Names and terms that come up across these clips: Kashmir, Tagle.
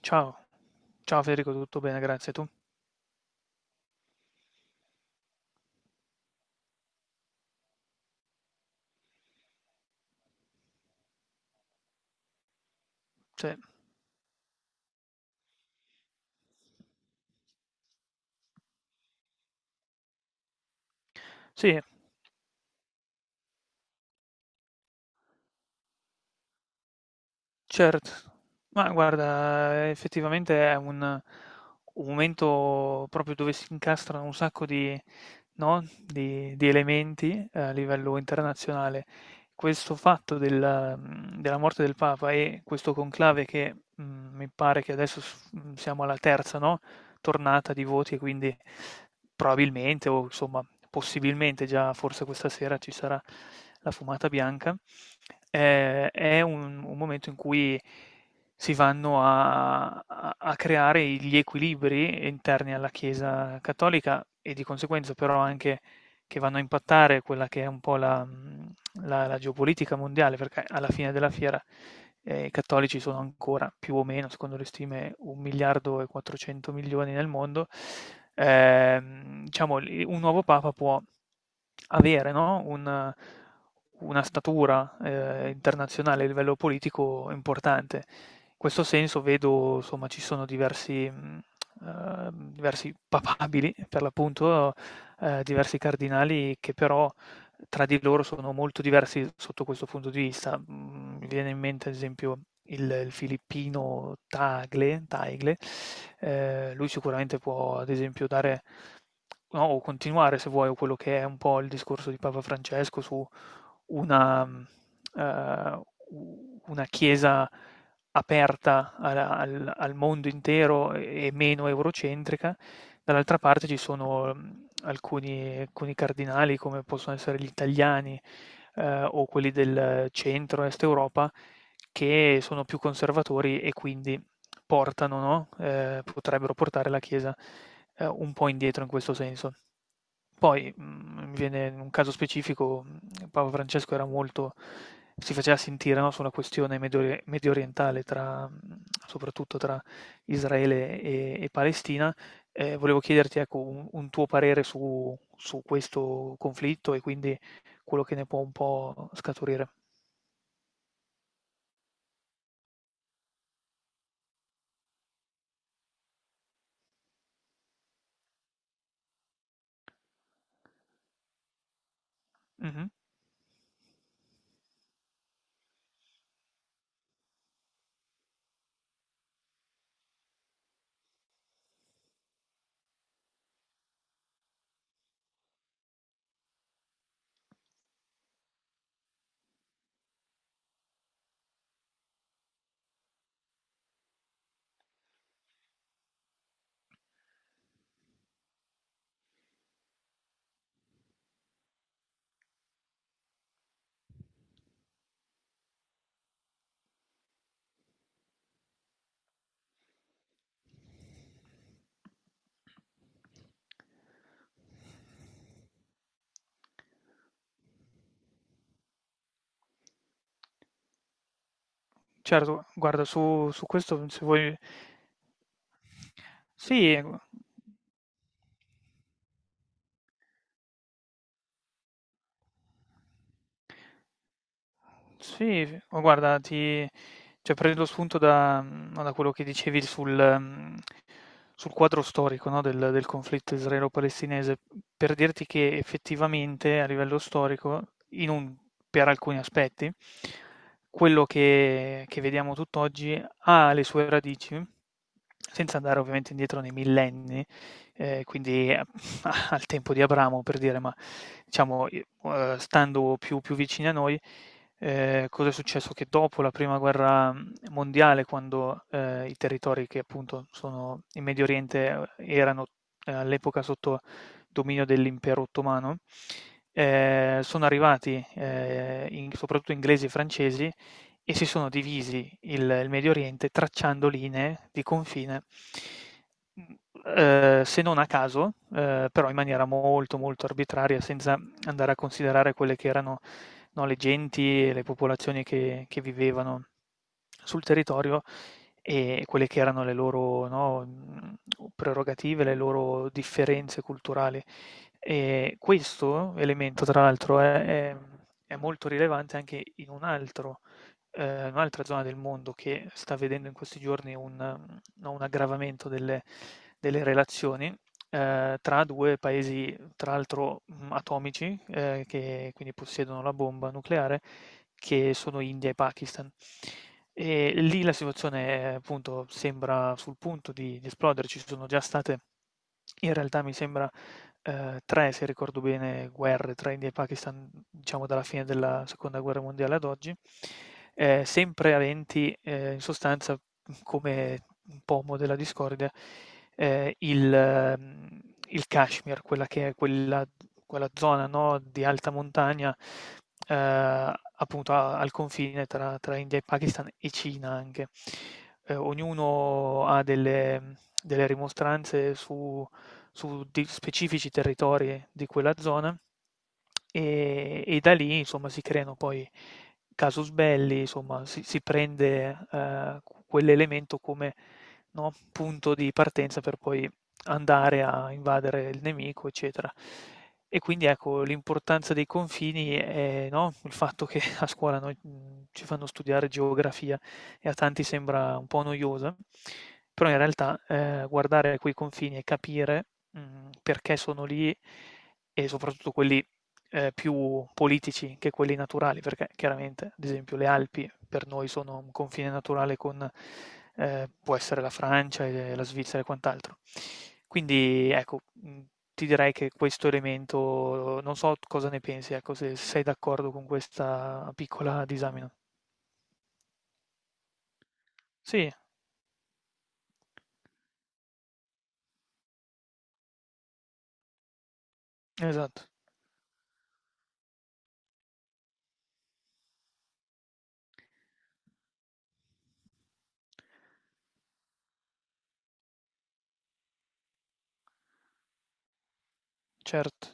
Ciao, ciao Federico, tutto bene, grazie. Tu? Sì, sì, certo. Ma guarda, effettivamente è un momento proprio dove si incastrano un sacco di, no, di elementi a livello internazionale. Questo fatto della morte del Papa e questo conclave che mi pare che adesso siamo alla terza, no? Tornata di voti e quindi probabilmente o insomma possibilmente già forse questa sera ci sarà la fumata bianca. Eh, è un momento in cui si vanno a creare gli equilibri interni alla Chiesa cattolica e di conseguenza però anche che vanno a impattare quella che è un po' la, la geopolitica mondiale, perché alla fine della fiera, i cattolici sono ancora, più o meno, secondo le stime, 1.400.000.000 nel mondo. Diciamo il un nuovo papa può avere, no, un una statura internazionale a livello politico importante. In questo senso vedo, insomma, ci sono diversi papabili, per l'appunto, diversi cardinali che però tra di loro sono molto diversi sotto questo punto di vista. Mhmm, Mi viene in mente ad esempio il filippino Tagle, Lui sicuramente può ad esempio dare, no, o continuare, se vuoi, quello che è un po' il discorso di Papa Francesco su una mhmm, ehm, u una Chiesa aperta al mondo intero e meno eurocentrica. Dall'altra parte ci sono alcuni cardinali, come possono essere gli italiani, o quelli del centro-est Europa, che sono più conservatori e quindi portano, no, potrebbero portare la Chiesa un po' indietro in questo senso. Poi, mi viene in un caso specifico: Papa Francesco era molto si faceva sentire, no, su una questione mediorientale tra, soprattutto tra Israele e Palestina. Volevo chiederti, ecco, un tuo parere su questo conflitto e quindi quello che ne può un po' scaturire. Mh-mh. Certo, guarda, su questo, se vuoi... Sì, gu Sì, f ma guarda ti cioè, prendo spunto da, no, da quello che dicevi sul, sul quadro storico, no, del conflitto israelo-palestinese, per dirti che effettivamente a livello storico, in un per alcuni aspetti, quello che vediamo tutt'oggi ha le sue radici, senza andare ovviamente indietro nei millenni, quindi a al tempo di Abramo, per dire, ma diciamo, i stando più vicini a noi, cosa è successo? Che dopo la prima guerra mondiale, quando i territori che appunto sono in Medio Oriente erano all'epoca sotto dominio dell'Impero Ottomano, sono arrivati, in soprattutto, inglesi e francesi, e si sono divisi il Medio Oriente tracciando linee di confine, mhmm, se non a caso, però in maniera molto, molto arbitraria, senza andare a considerare quelle che erano, no, le genti e le popolazioni che vivevano sul territorio, e quelle che erano le loro, no, prerogative, le loro differenze culturali. Questo elemento tra l'altro è è molto rilevante anche in un altro... un'altra zona del mondo che sta vedendo in questi giorni un, no, un aggravamento delle relazioni tra 2 paesi, tra l'altro, atomici, che quindi possiedono la bomba nucleare, che sono India e Pakistan. E lì la situazione, appunto, sembra sul punto di esplodere. Ci sono già state, in realtà mi sembra, 3, se ricordo bene, guerre tra India e Pakistan, diciamo dalla fine della seconda guerra mondiale ad oggi, sempre aventi, in sostanza, come un pomo della discordia, ehm, il mhmm, il Kashmir, quella che è quella, zona, no, di alta montagna, appunto a al confine tra India e Pakistan e Cina anche. Ognuno ha delle rimostranze su di specifici territori di quella zona, e da lì, insomma, si creano poi casus belli. Insomma, si prende, q quell'elemento come, no, punto di partenza, per poi andare a invadere il nemico, eccetera. E quindi, ecco l'importanza dei confini e, no, il fatto che a scuola noi, ci fanno studiare geografia e a tanti sembra un po' noiosa, però in realtà, guardare quei confini e capire, perché sono lì, e soprattutto quelli, più politici che quelli naturali, perché chiaramente, ad esempio, le Alpi per noi sono un confine naturale con, può essere, la Francia e la Svizzera e quant'altro. Quindi, ecco, ti direi che questo elemento... non so cosa ne pensi, ecco, se sei d'accordo con questa piccola disamina. Sì, esatto, certo.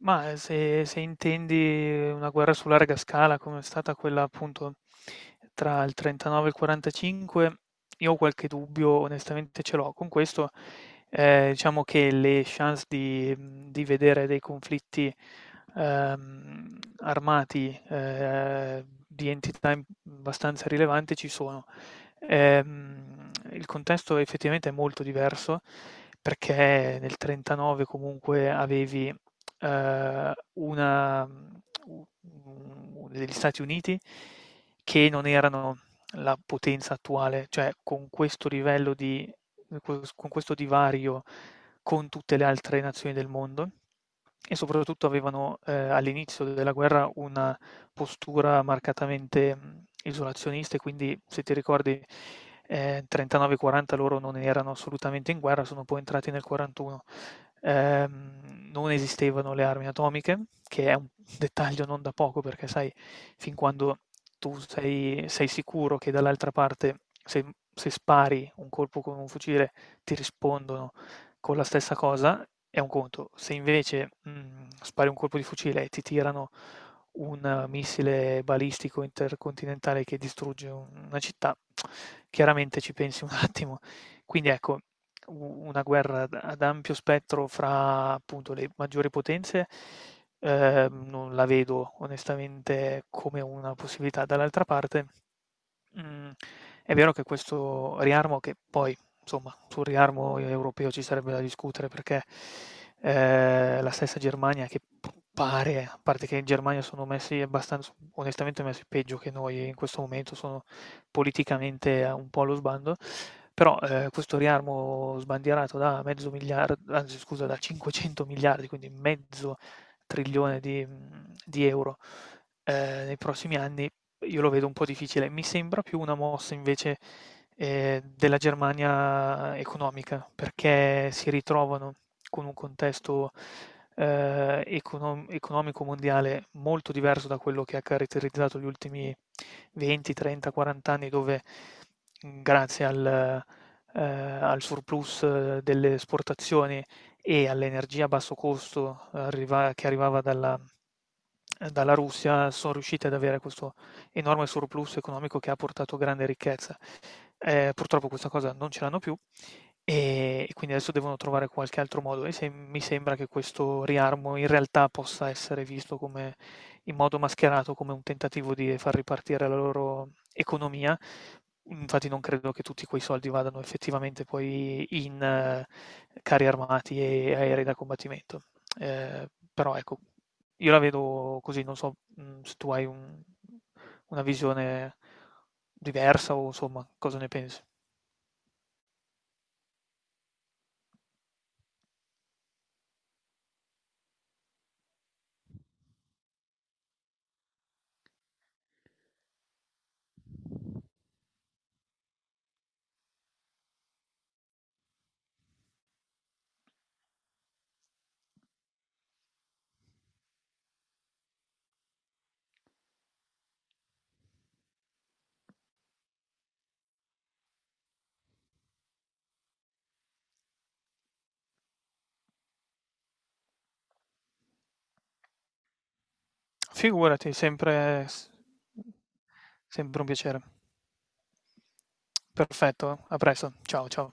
Mah, se intendi una guerra su larga scala come è stata quella, appunto, tra il '39 e il '45, io ho qualche dubbio, onestamente ce l'ho. Con questo, diciamo che le chance di vedere dei conflitti, armati, di entità im abbastanza rilevante, ci sono. Il contesto effettivamente è molto diverso, perché nel '39 comunque avevi, una mhmm, u u degli Stati Uniti che non erano la potenza attuale, cioè con questo livello di con questo divario con tutte le altre nazioni del mondo, e soprattutto avevano, all'inizio della guerra, una postura marcatamente, isolazionista, e quindi, se ti ricordi, 39, 40 loro non erano assolutamente in guerra, sono poi entrati nel 41. Non esistevano le armi atomiche, che è un dettaglio non da poco, perché sai, fin quando tu sei sicuro che dall'altra parte, se se spari un colpo con un fucile, ti rispondono con la stessa cosa, è un conto. Se invece, spari un colpo di fucile e ti tirano un missile balistico intercontinentale che distrugge una città, chiaramente ci pensi un attimo. Quindi, ecco, u una guerra ad ampio spettro, fra appunto le maggiori potenze, non la vedo, onestamente, come una possibilità. Dall'altra parte, Mhmm, è vero che questo riarmo... che poi, insomma, sul riarmo europeo ci sarebbe da discutere, perché, la stessa Germania, che p pare... a parte che in Germania sono messi, abbastanz onestamente, messi peggio che noi in questo momento, sono politicamente a un po' allo sbando, però, questo riarmo sbandierato da mezzo miliar anzi scusa, da 500 miliardi, quindi mezzo trilione di euro, nei prossimi anni, io lo vedo un po' difficile. Mi sembra più una mossa, invece, della Germania economica, perché si ritrovano con un contesto, economico mondiale, molto diverso da quello che ha caratterizzato gli ultimi 20, 30, 40 anni, dove, grazie al surplus, delle esportazioni e all'energia a basso costo arriva che arrivava dalla Russia, son riusciti ad avere questo enorme surplus economico, che ha portato grande ricchezza. Purtroppo, questa cosa non ce l'hanno più, e quindi adesso devono trovare qualche altro modo, e mi sembra che questo riarmo in realtà possa essere visto come, in modo mascherato, come un tentativo di far ripartire la loro economia. Infatti, non credo che tutti quei soldi vadano effettivamente poi in, carri armati e aerei da combattimento. Eh, Però, ecco, io la vedo così. Non so, se tu hai un una visione diversa, o, insomma, cosa ne pensi. Figurati, sempre un piacere. Perfetto, a presto. Ciao, ciao.